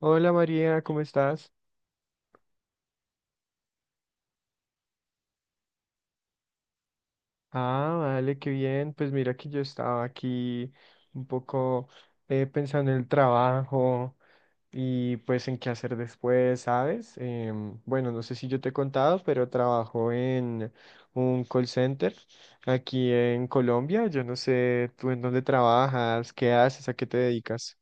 Hola María, ¿cómo estás? Ah, vale, qué bien. Pues mira que yo estaba aquí un poco pensando en el trabajo y pues en qué hacer después, ¿sabes? Bueno, no sé si yo te he contado, pero trabajo en un call center aquí en Colombia. Yo no sé tú en dónde trabajas, qué haces, a qué te dedicas.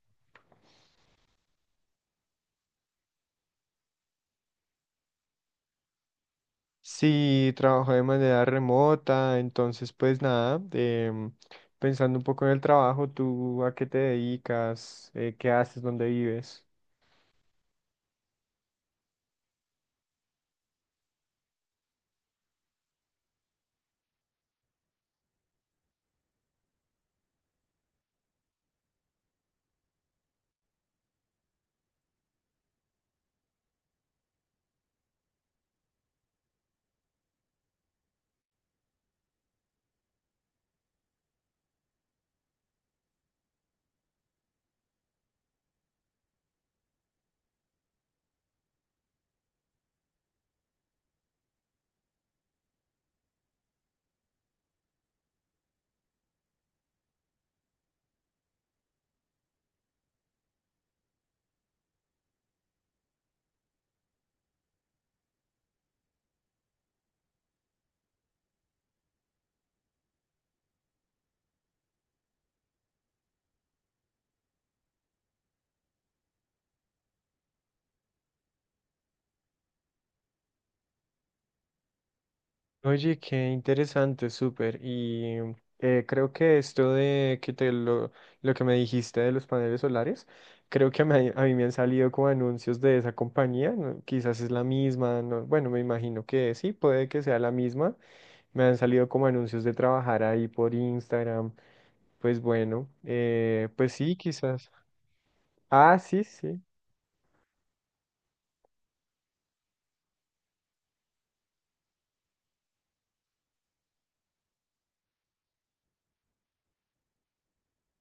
Sí, trabajo de manera remota, entonces pues nada, pensando un poco en el trabajo, ¿tú a qué te dedicas? ¿Qué haces? ¿Dónde vives? Oye, qué interesante, súper. Y creo que esto de que lo que me dijiste de los paneles solares, creo que a mí me han salido como anuncios de esa compañía, ¿no? Quizás es la misma, bueno, me imagino que sí, puede que sea la misma. Me han salido como anuncios de trabajar ahí por Instagram. Pues bueno, pues sí, quizás. Ah, sí, sí.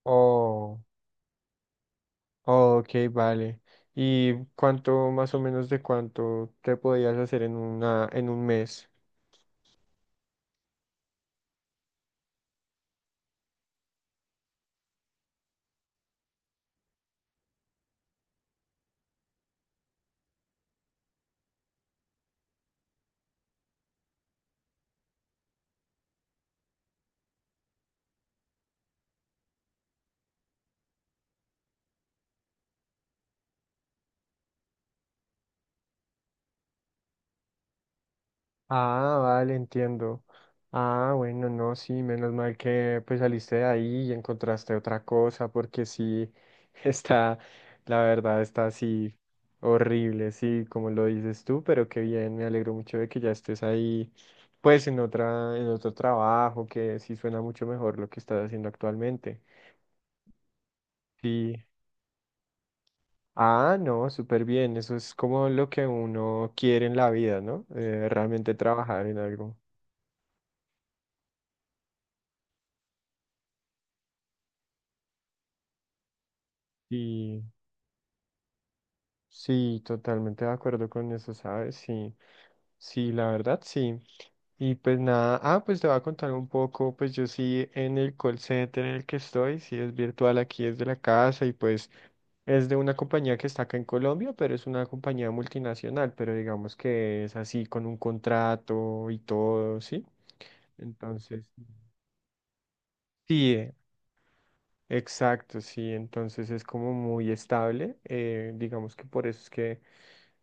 Oh, oh, ok, vale. ¿Y cuánto más o menos de cuánto te podías hacer en en un mes? Ah, vale, entiendo. Ah, bueno, no, sí, menos mal que pues saliste de ahí y encontraste otra cosa, porque sí, está, la verdad, está así horrible, sí, como lo dices tú, pero qué bien, me alegro mucho de que ya estés ahí, pues en en otro trabajo, que sí suena mucho mejor lo que estás haciendo actualmente. Sí. Ah, no, súper bien, eso es como lo que uno quiere en la vida, ¿no? Realmente trabajar en algo. Sí. Sí, totalmente de acuerdo con eso, ¿sabes? Sí, sí, la verdad, sí. Y pues nada, pues te voy a contar un poco, pues yo sí en el call center en el que estoy, sí es virtual, aquí es de la casa y pues es de una compañía que está acá en Colombia, pero es una compañía multinacional, pero digamos que es así con un contrato y todo, ¿sí? Entonces, sí, exacto, sí, entonces es como muy estable, digamos que por eso es que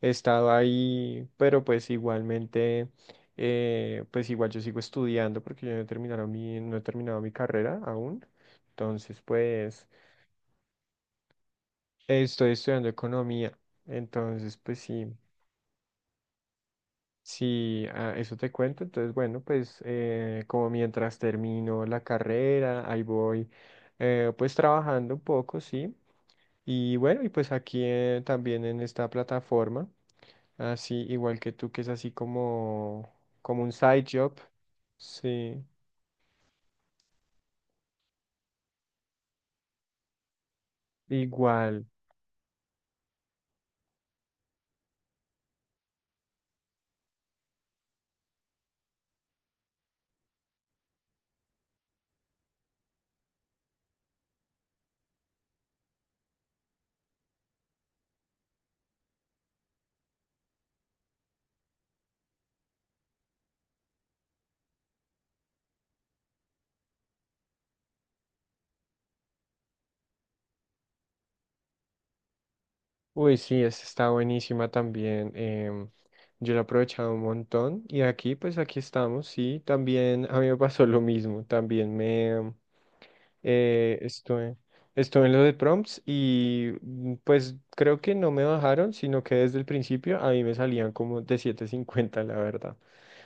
he estado ahí, pero pues igualmente, pues igual yo sigo estudiando porque yo no he terminado mi carrera aún, entonces pues estoy estudiando economía, entonces pues sí, sí, eso te cuento. Entonces, bueno, pues como mientras termino la carrera, ahí voy pues trabajando un poco, sí. Y bueno, y pues aquí también en esta plataforma, así igual que tú, que es así como un side job. Sí, igual. Uy, sí, esta está buenísima también. Yo la he aprovechado un montón. Y aquí, pues aquí estamos, sí. También a mí me pasó lo mismo. También eh, estuve, estuve en lo de prompts y pues creo que no me bajaron, sino que desde el principio a mí me salían como de siete cincuenta, la verdad.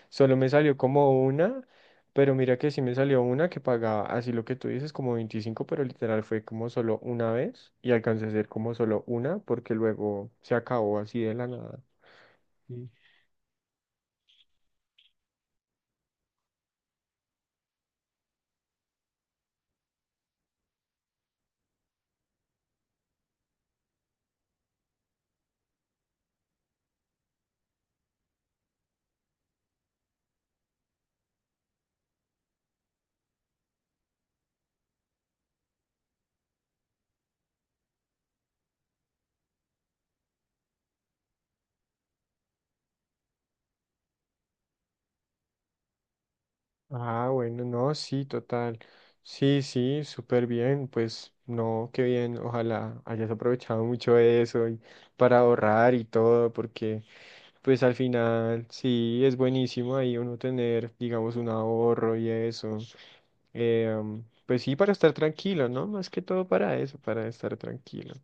Solo me salió como una, pero mira que sí me salió una que pagaba, así lo que tú dices, como 25, pero literal fue como solo una vez y alcancé a hacer como solo una porque luego se acabó así de la nada. Ah, bueno, no, sí, total. Sí, sí, súper bien. Pues no, qué bien. Ojalá hayas aprovechado mucho de eso y para ahorrar y todo, porque pues al final sí es buenísimo ahí uno tener, digamos, un ahorro y eso. Pues sí, para estar tranquilo, ¿no? Más que todo para eso, para estar tranquilo.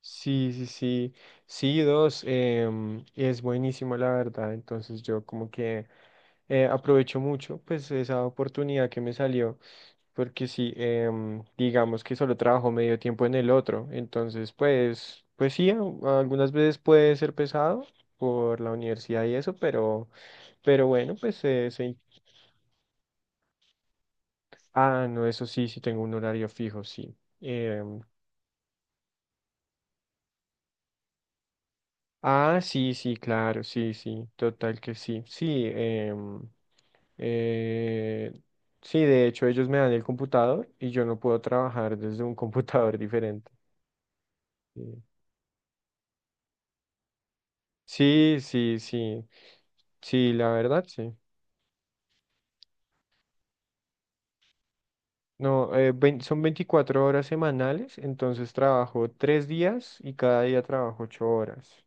Sí, sí, sí. Sí, dos, es buenísimo, la verdad. Entonces yo aprovecho mucho pues esa oportunidad que me salió, porque sí, digamos que solo trabajo medio tiempo en el otro, entonces pues sí, algunas veces puede ser pesado por la universidad y eso, pero, bueno, pues. Ah, no, eso sí, sí tengo un horario fijo, sí. Em, Ah, sí, sí, claro, sí, sí, total que sí. Sí, eh, sí, de hecho ellos me dan el computador y yo no puedo trabajar desde un computador diferente. Sí, sí, sí, sí, sí, la verdad, sí. No, son 24 horas semanales, entonces trabajo 3 días y cada día trabajo 8 horas.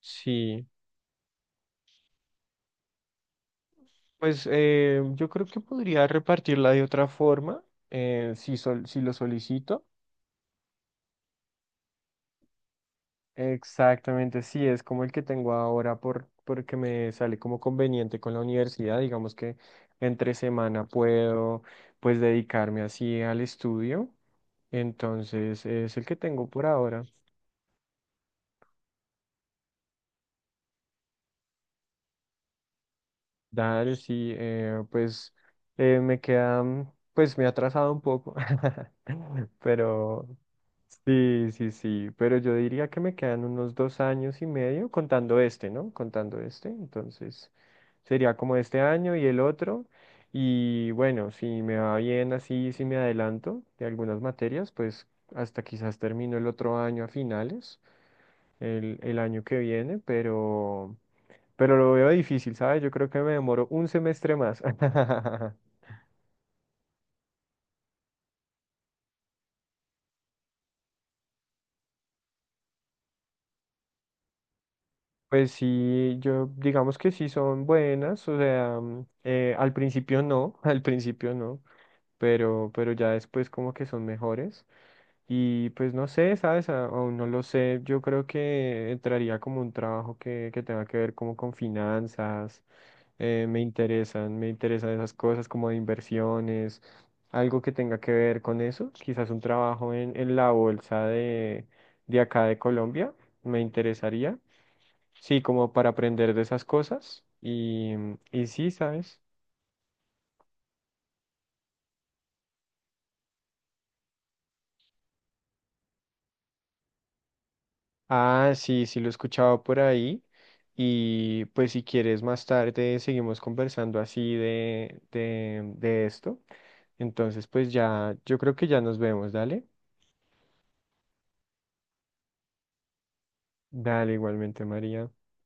Sí, pues yo creo que podría repartirla de otra forma, si lo solicito. Exactamente, sí, es como el que tengo ahora porque me sale como conveniente con la universidad, digamos que entre semana puedo pues dedicarme así al estudio, entonces es el que tengo por ahora. Dale, sí, pues pues me he atrasado un poco, pero sí, sí, sí, pero yo diría que me quedan unos 2 años y medio contando este, ¿no? Contando este, entonces sería como este año y el otro. Y bueno, si me va bien así, si me adelanto de algunas materias, pues hasta quizás termino el otro año a finales, el año que viene, pero, lo veo difícil, ¿sabes? Yo creo que me demoro un semestre más. Pues sí, yo digamos que sí son buenas, o sea, al principio no, al principio no, pero ya después como que son mejores. Y pues no sé, ¿sabes? Aún no lo sé, yo creo que entraría como un trabajo que tenga que ver como con finanzas, me interesan esas cosas como de inversiones, algo que tenga que ver con eso, quizás un trabajo en la bolsa de acá de Colombia, me interesaría. Sí, como para aprender de esas cosas. Y sí, ¿sabes? Ah, sí, sí lo he escuchado por ahí. Y pues si quieres más tarde seguimos conversando así de esto. Entonces, pues ya, yo creo que ya nos vemos, dale. Dale igualmente, María.